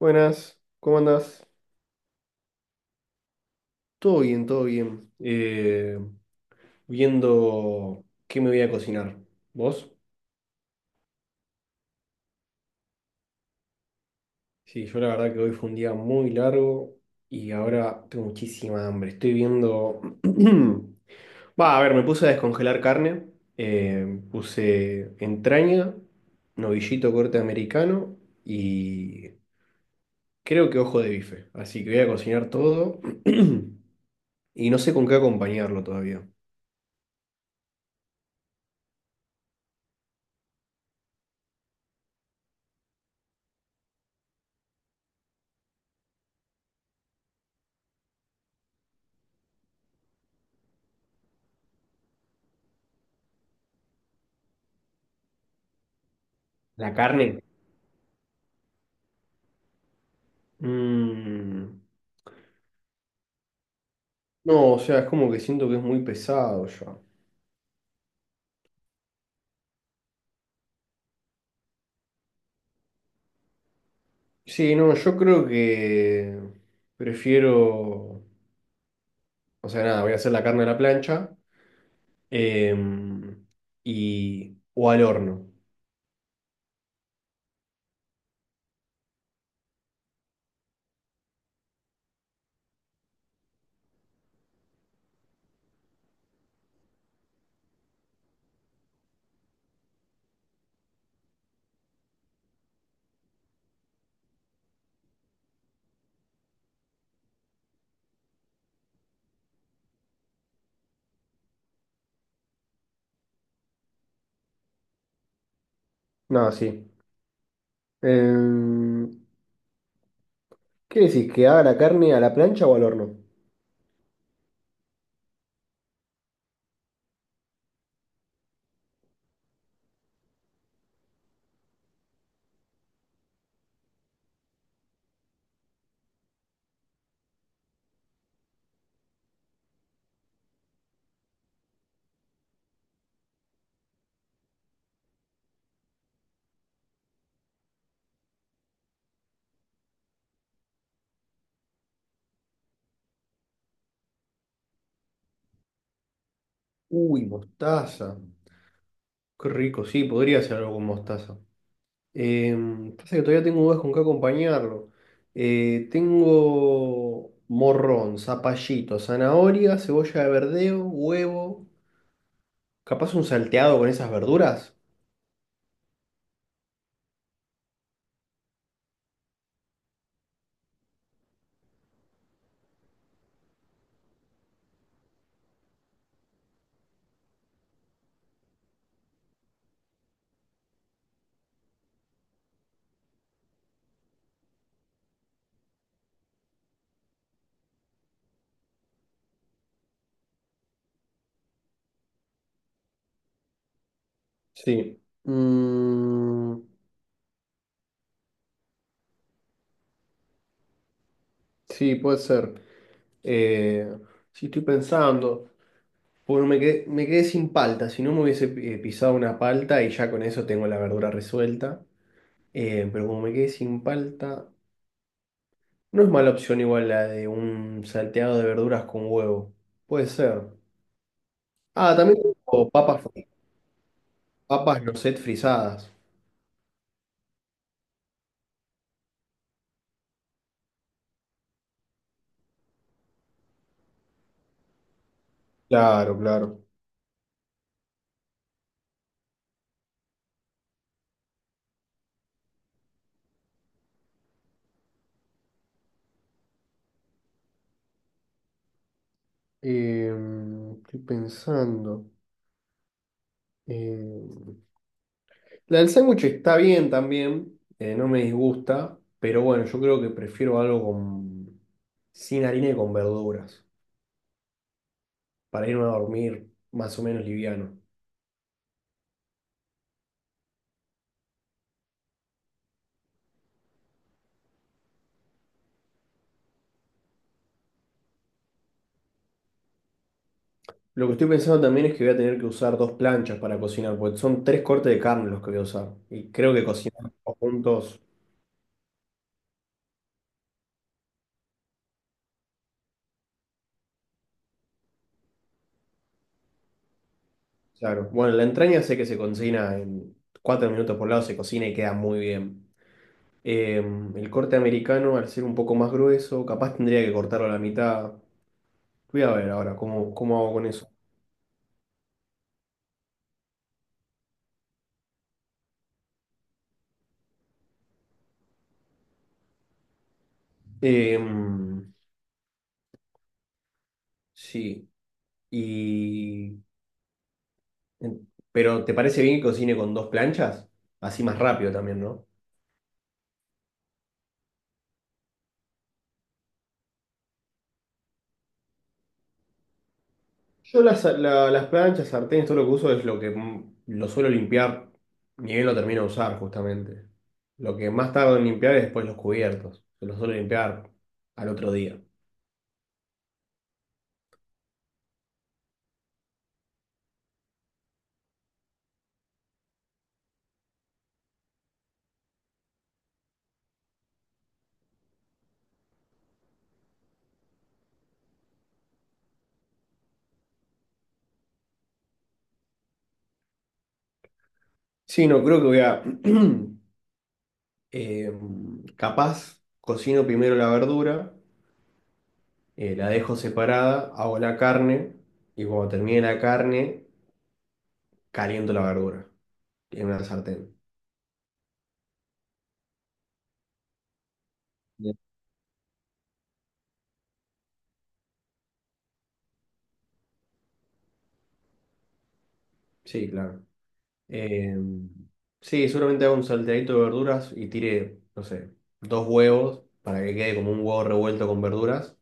Buenas, ¿cómo andás? Todo bien, todo bien. Viendo qué me voy a cocinar. ¿Vos? Sí, yo la verdad que hoy fue un día muy largo y ahora tengo muchísima hambre. Estoy viendo... Va, a ver, me puse a descongelar carne. Puse entraña, novillito corte americano y creo que ojo de bife. Así que voy a cocinar todo y no sé con qué acompañarlo todavía. La carne. Mm. No, o sea, es como que siento que es muy pesado ya. Sí, no, yo creo que prefiero, o sea, nada, voy a hacer la carne a la plancha em, y o al horno. No, sí. Em, ¿qué decís? ¿Que haga la carne a la plancha o al horno? Uy, mostaza. Qué rico, sí, podría hacer algo con mostaza. Em, pasa que todavía tengo dudas con qué acompañarlo. Tengo morrón, zapallito, zanahoria, cebolla de verdeo, huevo. Capaz un salteado con esas verduras. Sí. Mm, sí, puede ser. Eh, sí, estoy pensando. Bueno, me quedé sin palta. Si no me hubiese pisado una palta y ya con eso tengo la verdura resuelta. Pero como me quedé sin palta. No es mala opción igual la de un salteado de verduras con huevo. Puede ser. Ah, también tengo papas, papas noset frisadas. Claro, claro. Em, estoy pensando. Em, la del sándwich está bien también, no me disgusta, pero bueno, yo creo que prefiero algo con, sin harina y con verduras, para irme a dormir más o menos liviano. Lo que estoy pensando también es que voy a tener que usar dos planchas para cocinar, porque son tres cortes de carne los que voy a usar. Y creo que cocinar todos juntos, claro. Bueno, la entraña sé que se cocina en 4 minutos por lado, se cocina y queda muy bien. Eh, el corte americano, al ser un poco más grueso, capaz tendría que cortarlo a la mitad. Voy a ver ahora cómo hago con eso. Eh, sí. Y... pero ¿te parece bien que cocine con dos planchas? Así más rápido también, ¿no? Yo las planchas, sartenes, todo lo que uso es lo que lo suelo limpiar, ni bien lo termino de usar, justamente. Lo que más tardo en limpiar es después los cubiertos. Que Los suelo limpiar al otro día. Sí, no, creo que voy a... eh, capaz, cocino primero la verdura, la dejo separada, hago la carne y cuando termine la carne, caliento la verdura en una sartén. Bien. Sí, claro. Eh, sí, seguramente haga un salteadito de verduras y tire, no sé, 2 huevos para que quede como un huevo revuelto con verduras.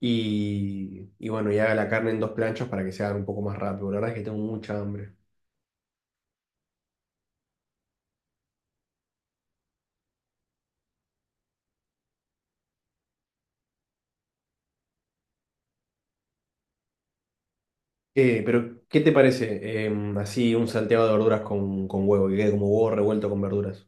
Y bueno, y haga la carne en dos planchas para que se haga un poco más rápido. La verdad es que tengo mucha hambre. Pero, ¿qué te parece? Así un salteado de verduras con huevo, que quede como huevo revuelto con verduras.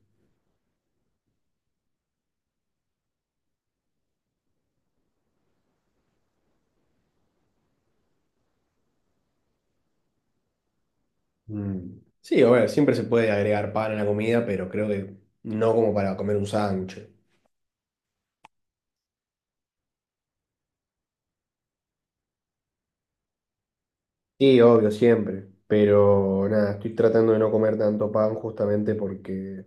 Mm. Sí, a ver, siempre se puede agregar pan a la comida, pero creo que no como para comer un sándwich. Sí, obvio, siempre. Pero nada, estoy tratando de no comer tanto pan justamente porque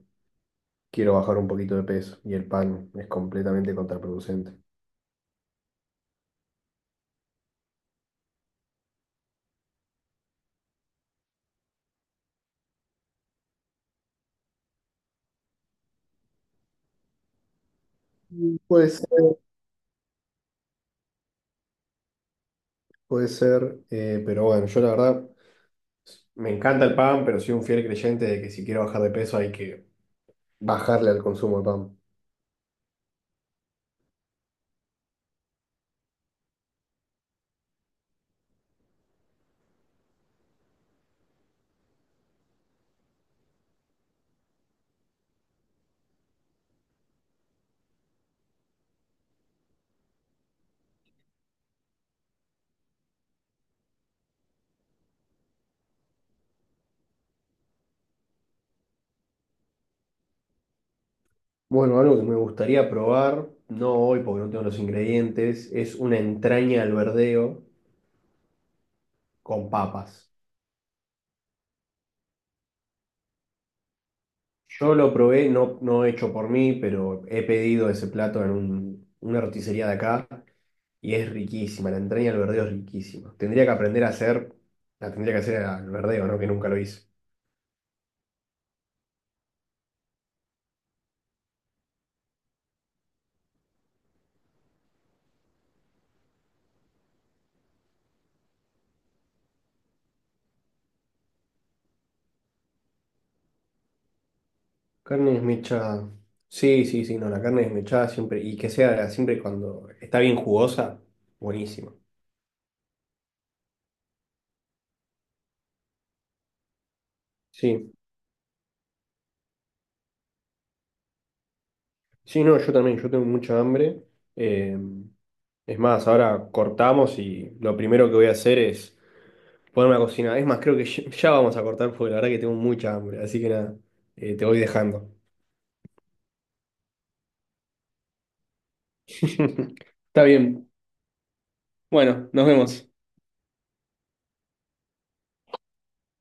quiero bajar un poquito de peso y el pan es completamente contraproducente. Mm. Puede ser, pero bueno, yo la verdad me encanta el pan, pero soy un fiel creyente de que si quiero bajar de peso hay que bajarle al consumo de pan. Bueno, algo que me gustaría probar, no hoy porque no tengo los ingredientes, es una entraña al verdeo con papas. Yo lo probé, no, no hecho por mí, pero he pedido ese plato en una roticería de acá y es riquísima, la entraña al verdeo es riquísima. Tendría que aprender a hacer, la tendría que hacer al verdeo, ¿no? Que nunca lo hice. Carne desmechada. Sí, sí, sí, no, la carne desmechada siempre, y que sea siempre cuando está bien jugosa, buenísima. Sí, sí, no, yo también, yo tengo mucha hambre. Eh, es más, ahora cortamos y lo primero que voy a hacer es... ponerme a cocinar. Es más, creo que ya vamos a cortar porque la verdad que tengo mucha hambre. Así que nada, te voy dejando. Está bien. Bueno, nos vemos.